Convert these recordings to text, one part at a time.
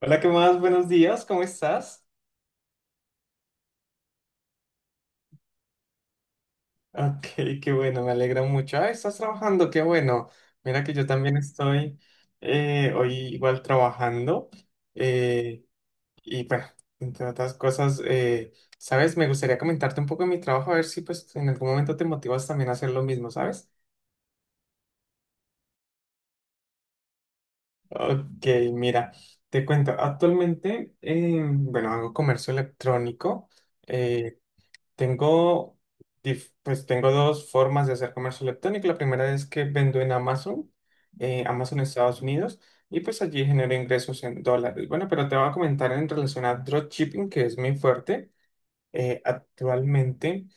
Hola, ¿qué más? Buenos días, ¿cómo estás? Ok, qué bueno, me alegra mucho. Ah, estás trabajando, qué bueno. Mira que yo también estoy hoy igual trabajando. eh, y bueno, entre otras cosas, ¿sabes? Me gustaría comentarte un poco de mi trabajo, a ver si pues en algún momento te motivas también a hacer lo mismo, ¿sabes? Ok, mira, te cuento. Actualmente, bueno, hago comercio electrónico. eh, Tengo, pues tengo dos formas de hacer comercio electrónico. La primera es que vendo en Amazon, Amazon Estados Unidos, y pues allí genero ingresos en dólares. Bueno, pero te voy a comentar en relación a dropshipping, que es mi fuerte. Actualmente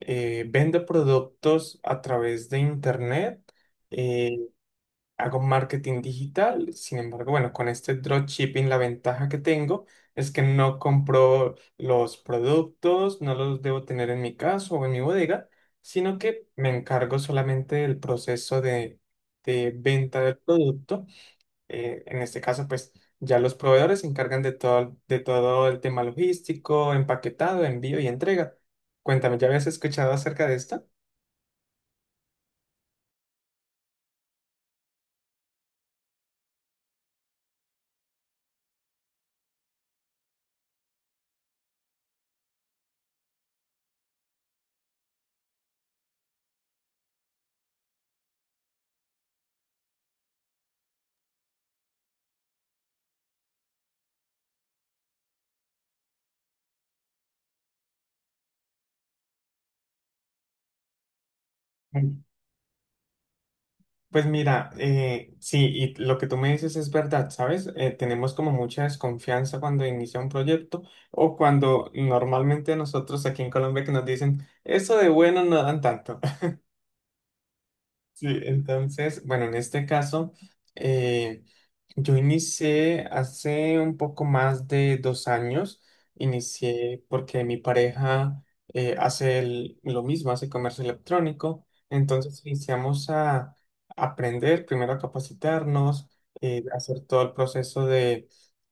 vendo productos a través de internet. eh, Hago marketing digital. Sin embargo, bueno, con este dropshipping la ventaja que tengo es que no compro los productos, no los debo tener en mi casa o en mi bodega, sino que me encargo solamente del proceso de venta del producto en este caso, pues ya los proveedores se encargan de todo el tema logístico, empaquetado, envío y entrega. Cuéntame, ¿ya habías escuchado acerca de esto? Mm. Pues mira, sí, y lo que tú me dices es verdad, ¿sabes? Tenemos como mucha desconfianza cuando inicia un proyecto o cuando normalmente nosotros aquí en Colombia que nos dicen, eso de bueno no dan tanto. Sí, entonces, bueno, en este caso, eh, yo inicié hace un poco más de 2 años, inicié porque mi pareja hace lo mismo, hace comercio electrónico, entonces iniciamos a aprender, primero a capacitarnos, hacer todo el proceso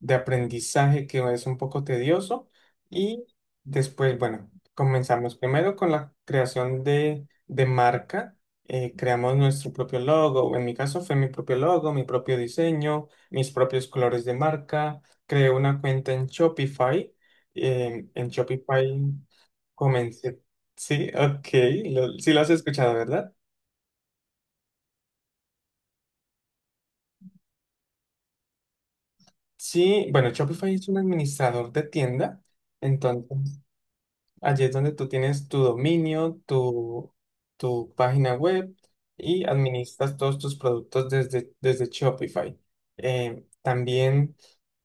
de aprendizaje que es un poco tedioso y después, bueno, comenzamos primero con la creación de marca. Creamos nuestro propio logo. En mi caso fue mi propio logo, mi propio diseño, mis propios colores de marca. Creé una cuenta en Shopify. En Shopify comencé. Sí, ok, sí lo has escuchado, ¿verdad? Sí, bueno, Shopify es un administrador de tienda. Entonces, allí es donde tú tienes tu dominio, tu página web y administras todos tus productos desde Shopify. También,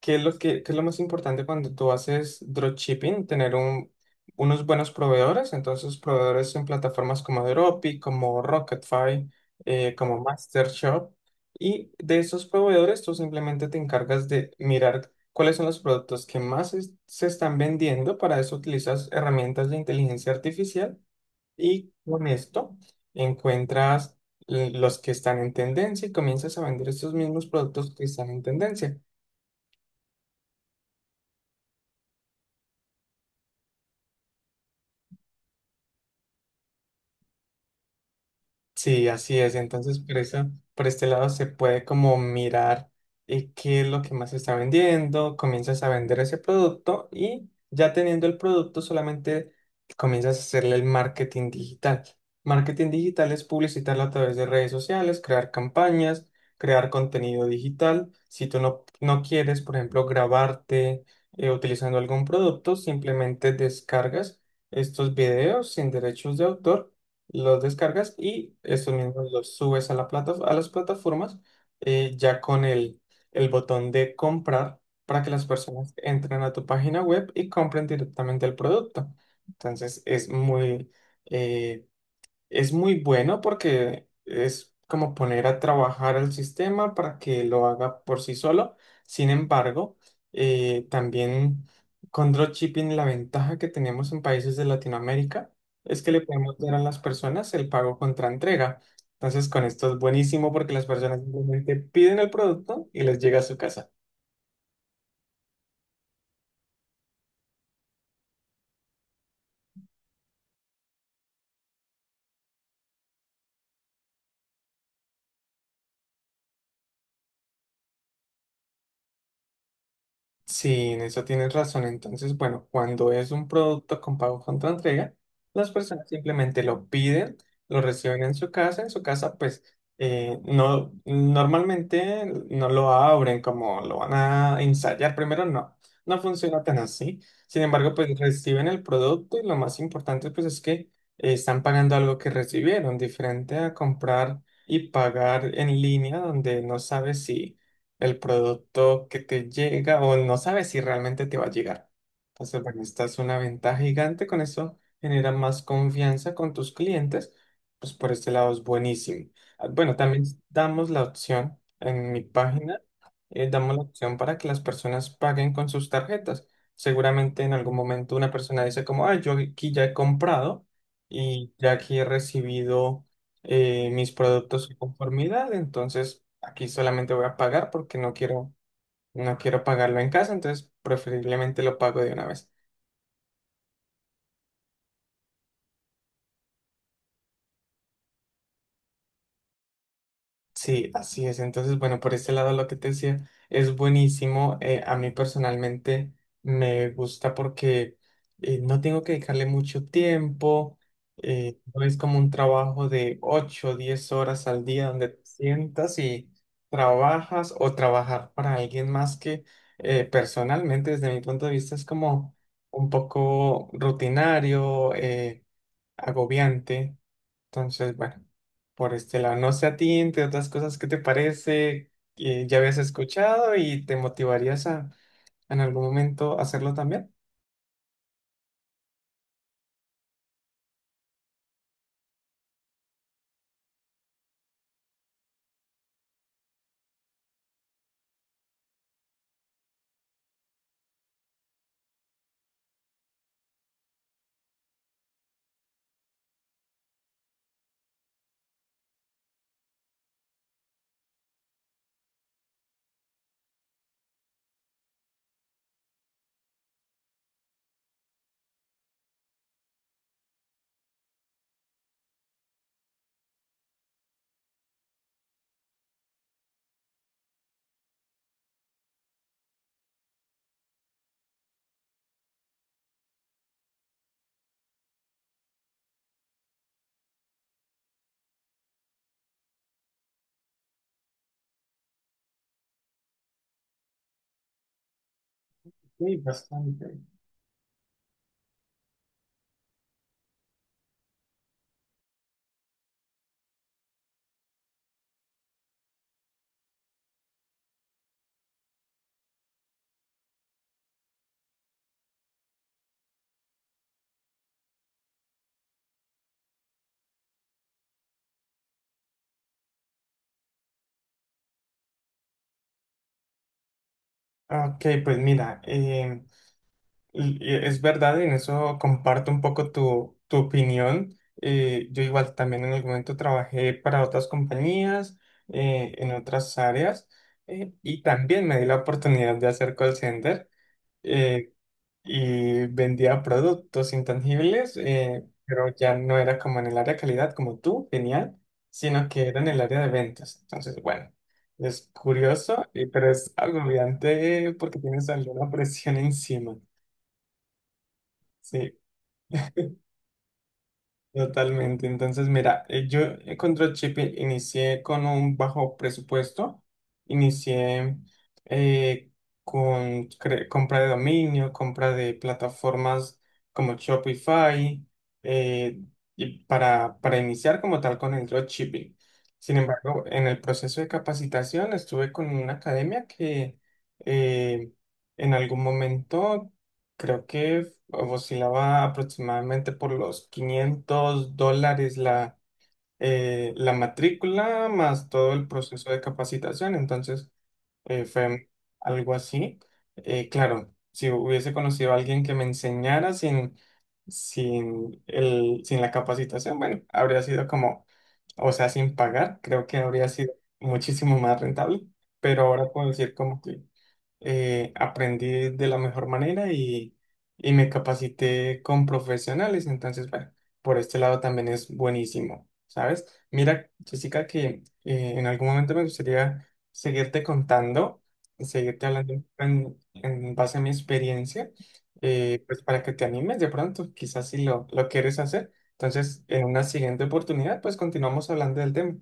¿qué es lo que, qué es lo más importante cuando tú haces dropshipping? Unos buenos proveedores. Entonces, proveedores en plataformas como Dropi, como Rocketfy, como MasterShop. Y de esos proveedores, tú simplemente te encargas de mirar cuáles son los productos que más se están vendiendo. Para eso utilizas herramientas de inteligencia artificial y con esto encuentras los que están en tendencia y comienzas a vender estos mismos productos que están en tendencia. Sí, así es. Entonces, por este lado se puede como mirar qué es lo que más se está vendiendo, comienzas a vender ese producto y ya teniendo el producto solamente comienzas a hacerle el marketing digital. Marketing digital es publicitarlo a través de redes sociales, crear campañas, crear contenido digital. Si tú no quieres, por ejemplo, grabarte utilizando algún producto, simplemente descargas estos videos sin derechos de autor, los descargas y estos mismos los subes a las plataformas ya con el botón de comprar para que las personas entren a tu página web y compren directamente el producto. Entonces es eh, es muy bueno porque es como poner a trabajar al sistema para que lo haga por sí solo. Sin embargo, también con dropshipping la ventaja que tenemos en países de Latinoamérica es que le podemos dar a las personas el pago contra entrega. Entonces, con esto es buenísimo porque las personas simplemente piden el producto y les llega a su casa. Sí, en eso tienes razón. Entonces, bueno, cuando es un producto con pago contra entrega, las personas simplemente lo piden, lo reciben en su casa. En su casa, pues, no, normalmente no lo abren como lo van a ensayar. Primero, no, no funciona tan así. Sin embargo, pues reciben el producto y lo más importante, pues, es que están pagando algo que recibieron, diferente a comprar y pagar en línea, donde no sabes si el producto que te llega o no sabes si realmente te va a llegar. Entonces, bueno, esta es una ventaja gigante, con eso genera más confianza con tus clientes, pues por este lado es buenísimo. Ah, bueno, también damos la opción en mi página damos la opción para que las personas paguen con sus tarjetas. Seguramente en algún momento una persona dice como, ah, yo aquí ya he comprado y ya aquí he recibido mis productos de conformidad, entonces aquí solamente voy a pagar porque no quiero pagarlo en casa, entonces preferiblemente lo pago de una vez. Sí, así es. Entonces, bueno, por ese lado lo que te decía es buenísimo. A mí personalmente me gusta porque no tengo que dedicarle mucho tiempo. No es como un trabajo de 8 o 10 horas al día donde te sientas y trabajas o trabajar para alguien más que personalmente, desde mi punto de vista, es como un poco rutinario, agobiante. Entonces, bueno, por este lado. No sé a ti, entre otras cosas, ¿qué te parece? ¿Ya habías escuchado y te motivarías a en algún momento hacerlo también? Sí, bastante. Ok, pues mira, y es verdad, en eso comparto un poco tu opinión. Yo igual también en algún momento trabajé para otras compañías, en otras áreas, y también me di la oportunidad de hacer call center. eh, y vendía productos intangibles, pero ya no era como en el área de calidad como tú, genial, sino que era en el área de ventas. Entonces, bueno, es curioso, pero es agobiante porque tienes alguna presión encima. Sí. Totalmente. Entonces, mira, yo con Dropship inicié con un bajo presupuesto. Inicié eh, con compra de dominio, compra de plataformas como Shopify, eh, y para iniciar como tal con el dropshipping. Sin embargo, en el proceso de capacitación estuve con una academia que eh, en algún momento creo que oscilaba aproximadamente por los $500 la matrícula más todo el proceso de capacitación. Entonces, fue algo así. Claro, si hubiese conocido a alguien que me enseñara sin sin la capacitación, bueno, habría sido como, o sea, sin pagar, creo que habría sido muchísimo más rentable. Pero ahora puedo decir como que aprendí de la mejor manera y me capacité con profesionales. Entonces, bueno, por este lado también es buenísimo, ¿sabes? Mira, Jessica, que en algún momento me gustaría seguirte contando, seguirte hablando en base a mi experiencia, pues para que te animes de pronto, quizás si lo quieres hacer. Entonces, en una siguiente oportunidad, pues continuamos hablando del tema.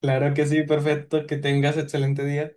Claro que sí, perfecto, que tengas excelente día.